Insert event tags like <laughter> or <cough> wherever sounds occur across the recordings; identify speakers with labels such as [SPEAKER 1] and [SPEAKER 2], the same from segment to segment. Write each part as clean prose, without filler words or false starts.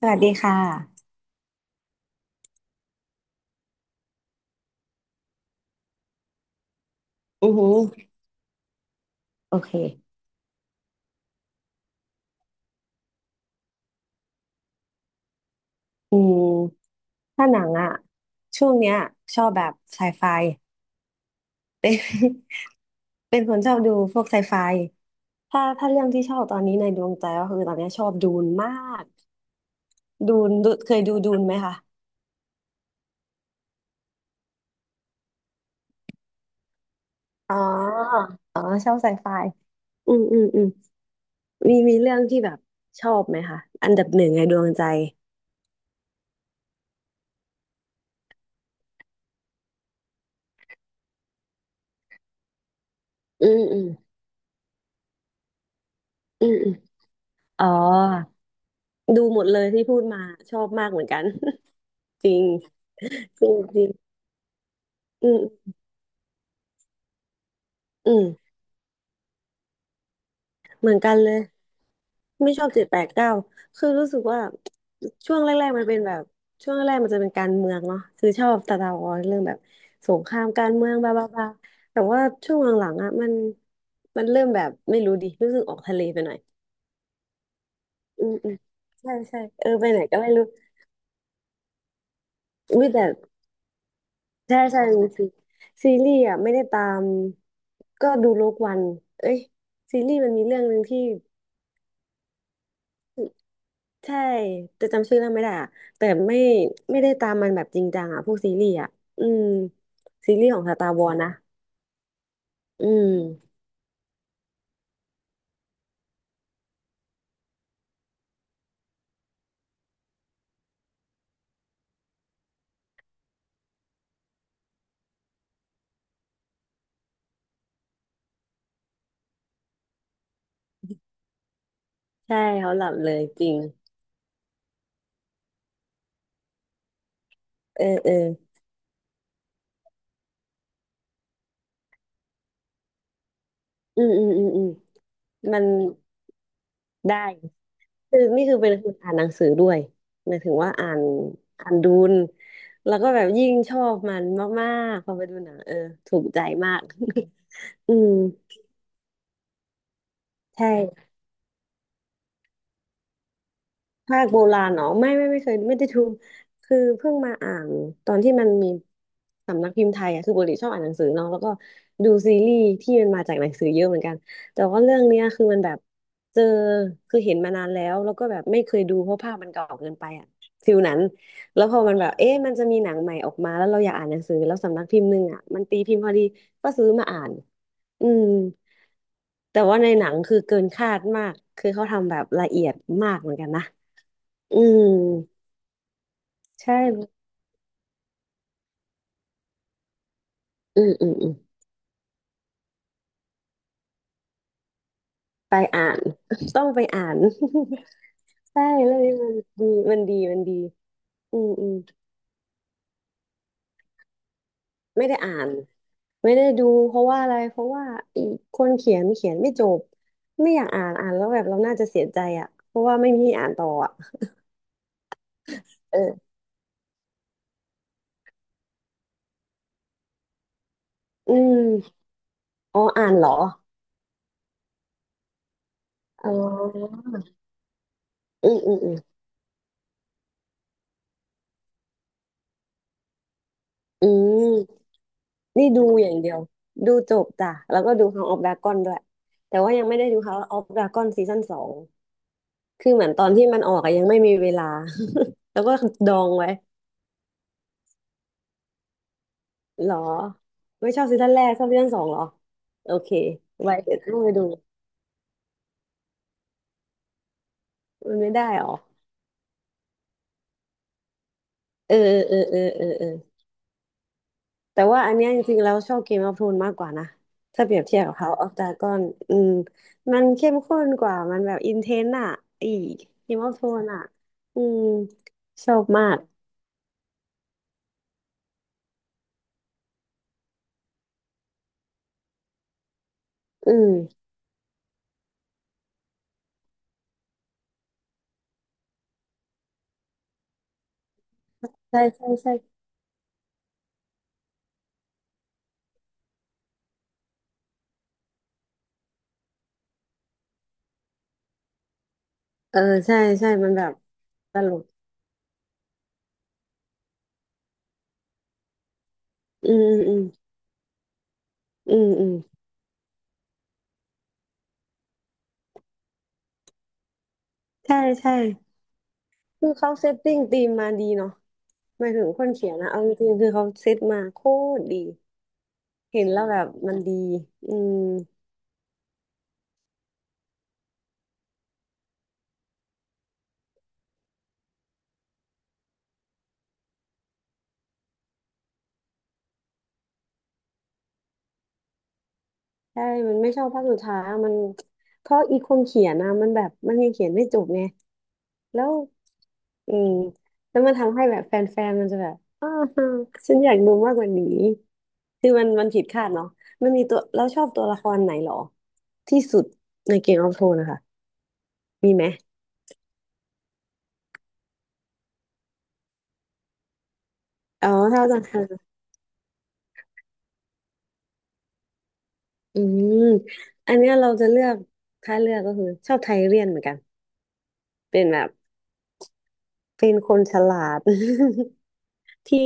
[SPEAKER 1] สวัสดีค่ะอือหือโอเคอืมถ้าหนังอะช่วงเนี้ยชอบแบบไซไฟเป็น <laughs> เป็นคนชอบดูพวกไซไฟถ้าเรื่องที่ชอบตอนนี้ในดวงใจก็คือตอนเนี้ยชอบดูนมากดูนเคยดูนไหมคะอ๋ออ๋อ ชอบไซไฟอืมอืมอืมมีเรื่องที่แบบชอบไหมคะอันดับหนึ่งในดวงใจอืมอืมอืมอืมอ๋อ ดูหมดเลยที่พูดมาชอบมากเหมือนกัน <laughs> จริงจริง อืมอืมเหมือนกันเลยไม่ชอบเจ็ดแปดเก้าคือรู้สึกว่าช่วงแรกๆมันเป็นแบบช่วงแรกๆมันจะเป็นการเมืองเนาะคือชอบตาตาออนเรื่องแบบสงครามการเมืองบาบาบาแต่ว่าช่วงหลังๆอ่ะมันมันเริ่มแบบไม่รู้ดิรู้สึกออกทะเลไปหน่อยอืมอืมใช่ใช่เออไปไหนก็ไม่รู้อุ้ยแต่ใช่ใช่มีซีซีรีส์อ่ะไม่ได้ตามก็ดูโลกวันเอ้ยซีรีส์มันมีเรื่องหนึ่งที่ ใช่แต่จำชื่อเรื่องไม่ได้อะแต่ไม่ไม่ได้ตามมันแบบจริงจังอ่ะพวกซีรีส์อ่ะอืมซีรีส์ของสตาร์วอ s นะอืมใช่เขาหลับเลยจริงเออเอออืมอืมอืมอืมมันได้คือนี่คือเป็นคนอ่านหนังสือด้วยหมายถึงว่าอ่านอ่านดูนแล้วก็แบบยิ่งชอบมันมากๆพอไปดูหนังเออถูกใจมาก <laughs> อืมใช่ ภาคโบราณเนาะไม่เคยไม่ได้ดูคือเพิ่งมาอ่านตอนที่มันมีสำนักพิมพ์ไทยอ่ะคือปกติชอบอ่านหนังสือเนาะแล้วก็ดูซีรีส์ที่มันมาจากหนังสือเยอะเหมือนกันแต่ว่าเรื่องเนี้ยคือมันแบบเจอคือเห็นมานานแล้วแล้วก็แบบไม่เคยดูเพราะภาพมันเก่าเกินไปอ่ะฟิลนั้นแล้วพอมันแบบเอ๊ะมันจะมีหนังใหม่ออกมาแล้วเราอยากอ่านหนังสือแล้วสำนักพิมพ์หนึ่งอ่ะมันตีพิมพ์พอดีก็ซื้อมาอ่านอืมแต่ว่าในหนังคือเกินคาดมากคือเขาทำแบบละเอียดมากเหมือนกันนะอืม ใช่อืมอืมอืมไปอ่าน <laughs> ต้องไปอ่าน <laughs> ใช่เรื่องนี้มันดีมันดีอืมอืมไม่ได้อ่าน ไม่ได้ดู เพราะว่าอะไรเพราะว่าอีกคนเขียนเขียนไม่จบ ไม่อยากอ่านอ่านแล้วแบบเราน่าจะเสียใจอ่ะเพราะว่าไม่มีที่อ่านต่ออ่ะเอออืมอ๋ออ่านเหรออ๋ออืมอืมอืมอืมนี่ดูอย่างเดียวดูจบจ้ะแล้วก็ดู House of Dragon ด้วยแต่ว่ายังไม่ได้ดู House of Dragon ซีซั่นสอง คือเหมือนตอนที่มันออกอะยังไม่มีเวลา <laughs> แล้วก็ดองไว้หรอไม่ชอบซีซั่นแรกชอบซีซั่นสองหรอโอเคไว้เดี๋ยวต้องไปดูมันไม่ได้หรอเออเออแต่ว่าอันเนี้ยจริงๆแล้วชอบเกมออฟโทนมากกว่านะถ้าเปรียบเทียบกับ House of Dragon อืมมันเข้มข้นกว่ามันแบบอินเทนอะอีเกมออฟโทนอะอืมชอบมากอืมใช่เออใช่ใช่มันแบบตลกอืมอืมอืมอืมอืมใช่ใช่ คือเขาเซตติ้งธีมมาดีเนาะหมายถึงคนเขียนนะเอาจริงๆคือเขาเซตมาโคตรดีเห็นแล้วแบบมันดีอืมใช่มันไม่ชอบภาคสุดท้ายอะมันเพราะอีคนเขียนนะมันแบบมันยังเขียนไม่จบไงแล้วอืมแล้วมันทำให้แบบแฟนๆมันจะแบบอ้าวฉันอยากดูมากกว่านี้คือมันมันผิดคาดเนาะมันมีตัวเราชอบตัวละครไหนหรอที่สุดในเกมออฟโธนนะคะมีไหมอ๋อถ้าจะ อืมอันเนี้ยเราจะเลือกถ้าเลือกก็คือชอบไทเรียนเหมือนกันเป็นแบบเป็นคนฉลาด <laughs> ที่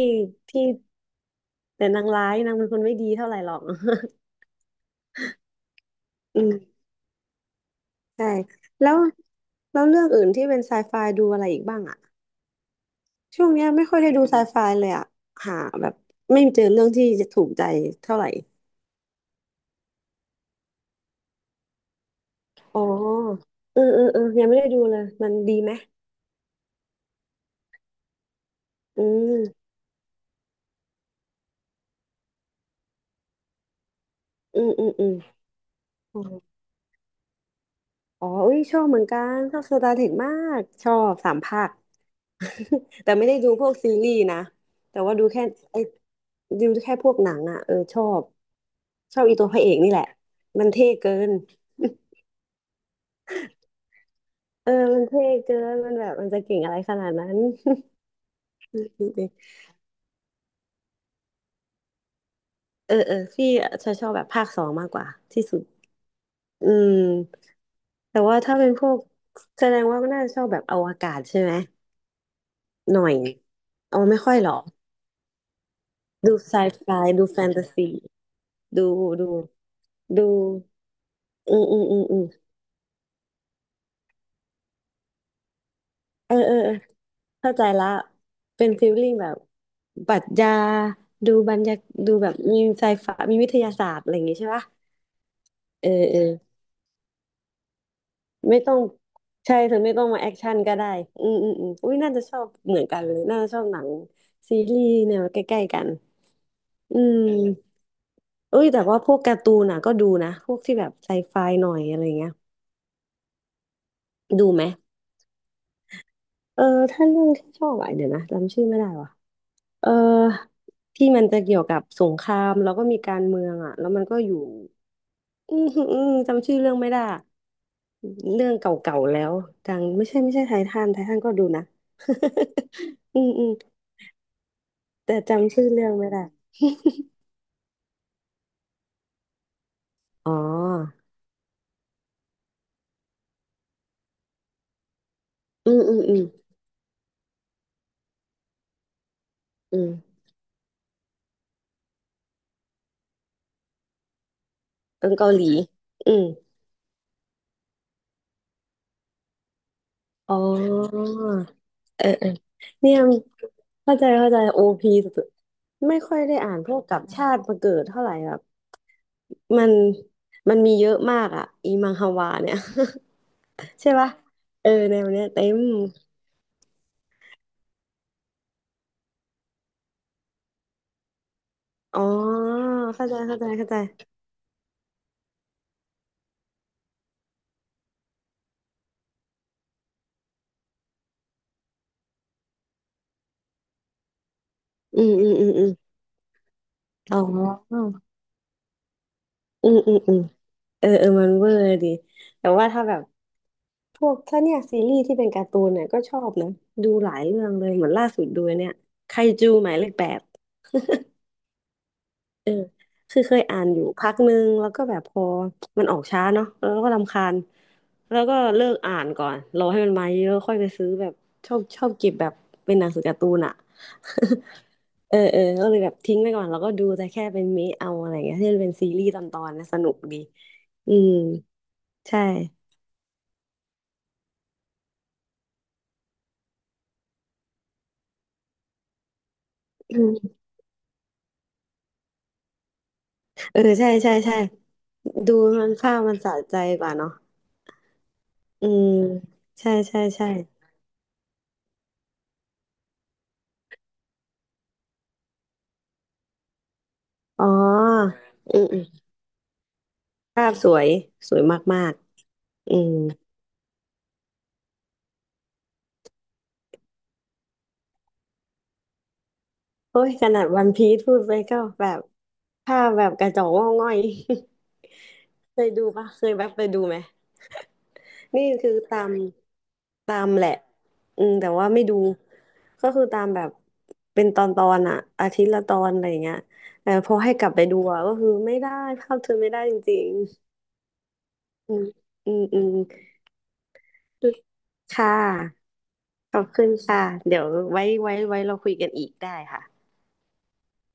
[SPEAKER 1] ที่แต่นางร้ายนางเป็นคนไม่ดีเท่าไหร่หรอก <laughs> อืมใช่แล้วแล้วเรื่องอื่นที่เป็นไซไฟดูอะไรอีกบ้างอะช่วงเนี้ยไม่ค่อยได้ดูไซไฟเลยอะหาแบบไม่เจอเรื่องที่จะถูกใจเท่าไหร่อ๋อเออยังไม่ได้ดูเลยมันดีไหมอืมอืมอืมอืมอ๋อ อ๋ออุ้ยชอบเหมือนกัน ชอบสตาร์เทคมากชอบสามภาค <laughs> แต่ไม่ได้ดูพวกซีรีส์นะ แต่ว่าดูแค่ไอ้ดูแค่พวกหนังอ่ะเออชอบชอบอีตัวพระเอกนี่แหละมันเท่เกิน <laughs> เออมันเท่เกินมันแบบมันจะเก่งอะไรขนาดนั้น <laughs> จริงๆเออพี่จะชอบแบบภาคสองมากกว่าที่สุดอืมแต่ว่าถ้าเป็นพวกแสดงว่าก็น่าจะชอบแบบอวกาศใช่ไหมหน่อยเอาไม่ค่อยหรอกดูไซไฟดูแฟนตาซี ดูดูดูอืมอืมอืมอืมเออเออเออเข้าใจละเป็นฟีลลิ่งแบบปรัชญาดูบรรยาดูแบบมีไซไฟมีวิทยาศาสตร์อะไรอย่างงี้ใช่ปะเออเออไม่ต้องใช่เธอไม่ต้องมาแอคชั่นก็ได้อืมอืมอืมอุ้ยน่าจะชอบเหมือนกันเลยน่าจะชอบหนังซีรีส์แนวใกล้ๆกันอืมเอ้ยแต่ว่าพวกการ์ตูนน่ะก็ดูนะพวกที่แบบไซไฟหน่อยอะไรเงี้ยดูไหมเออถ้าเรื่องที่ชอบอะเดี๋ยวนะจำชื่อไม่ได้ว่ะ เออที่มันจะเกี่ยวกับสงครามแล้วก็มีการเมืองอ่ะแล้วมันก็อยู่อืมอืมจำชื่อเรื่องไม่ได้เรื่องเก่าๆแล้วดังไม่ใช่ไม่ใช่ไททันไททันก็ดูนะ <laughs> อืมอืมแต่จำชื่อเรื่องไม่ได้อ๋ออืมอืมอืมอืมเป็นเกาหลีอืมอ๋อเออเออเนี่ยเข้าใจเข้าใจโอพีสุดๆไม่ค่อยได้อ่านพวกกับชาติมาเกิดเท่าไหร่อะ มันมันมีเยอะมากอ่ะอีมังฮวาเนี่ย <laughs> ใช่ปะเออแนวเนี้ยเต็มอ๋อเข้าใจเข้าใจเข้าใจอืมอืมอืมอืมอ๋ออืมอืมอืมเออเออมันเวอร์ดีแต่ว่าถ้าแบบพวกถ้าเนี่ยซีรีส์ที่เป็นการ์ตูนเนี่ยก็ชอบนะดูหลายเรื่องเลยเหมือนล่าสุดดูเนี่ยไคจูหมายเลข 8 เออคือเคยอ่านอยู่พักหนึ่งแล้วก็แบบพอมันออกช้าเนาะแล้วก็รำคาญแล้วก็เลิกอ่านก่อนรอให้มันมาเยอะค่อยไปซื้อแบบชอบชอบเก็บแบบเป็นหนังสือการ์ตูนอะ <laughs> เออเออก็เลยแบบทิ้งไปก่อนแล้วก็ดูแต่แค่เป็นเมะเอาอะไรเงี้ยที่เป็นซีรีส์ตอนตอนนะสนุกดีอืมใช่อืมเออใช่ใช่ใช่ดูมันภาพมันสะใจกว่าเนาะอืมใช่ใช่ใช่อ๋ออืมอืมภาพสวยสวยมากๆ อืมโอ้ยขนาดวันพีซพูดไปก็แบบภาพแบบกระจอกงอกง่อย <laughs> เคยดูปะเคยแบบไปดูไหมนี่คือตามตามแหละอืมแต่ว่าไม่ดูก็คือตามแบบเป็นตอนตอนอะอาทิตย์ละตอนอะไรอย่างเงี้ยแต่พอให้กลับไปดูอะก็คือไม่ได้ภาพเธอไม่ได้จริงๆอืมอืมอืมค่ะขอบคุณค่ะเดี๋ยวไว้ไว้ไว้เราคุยกันอีกได้ค่ะ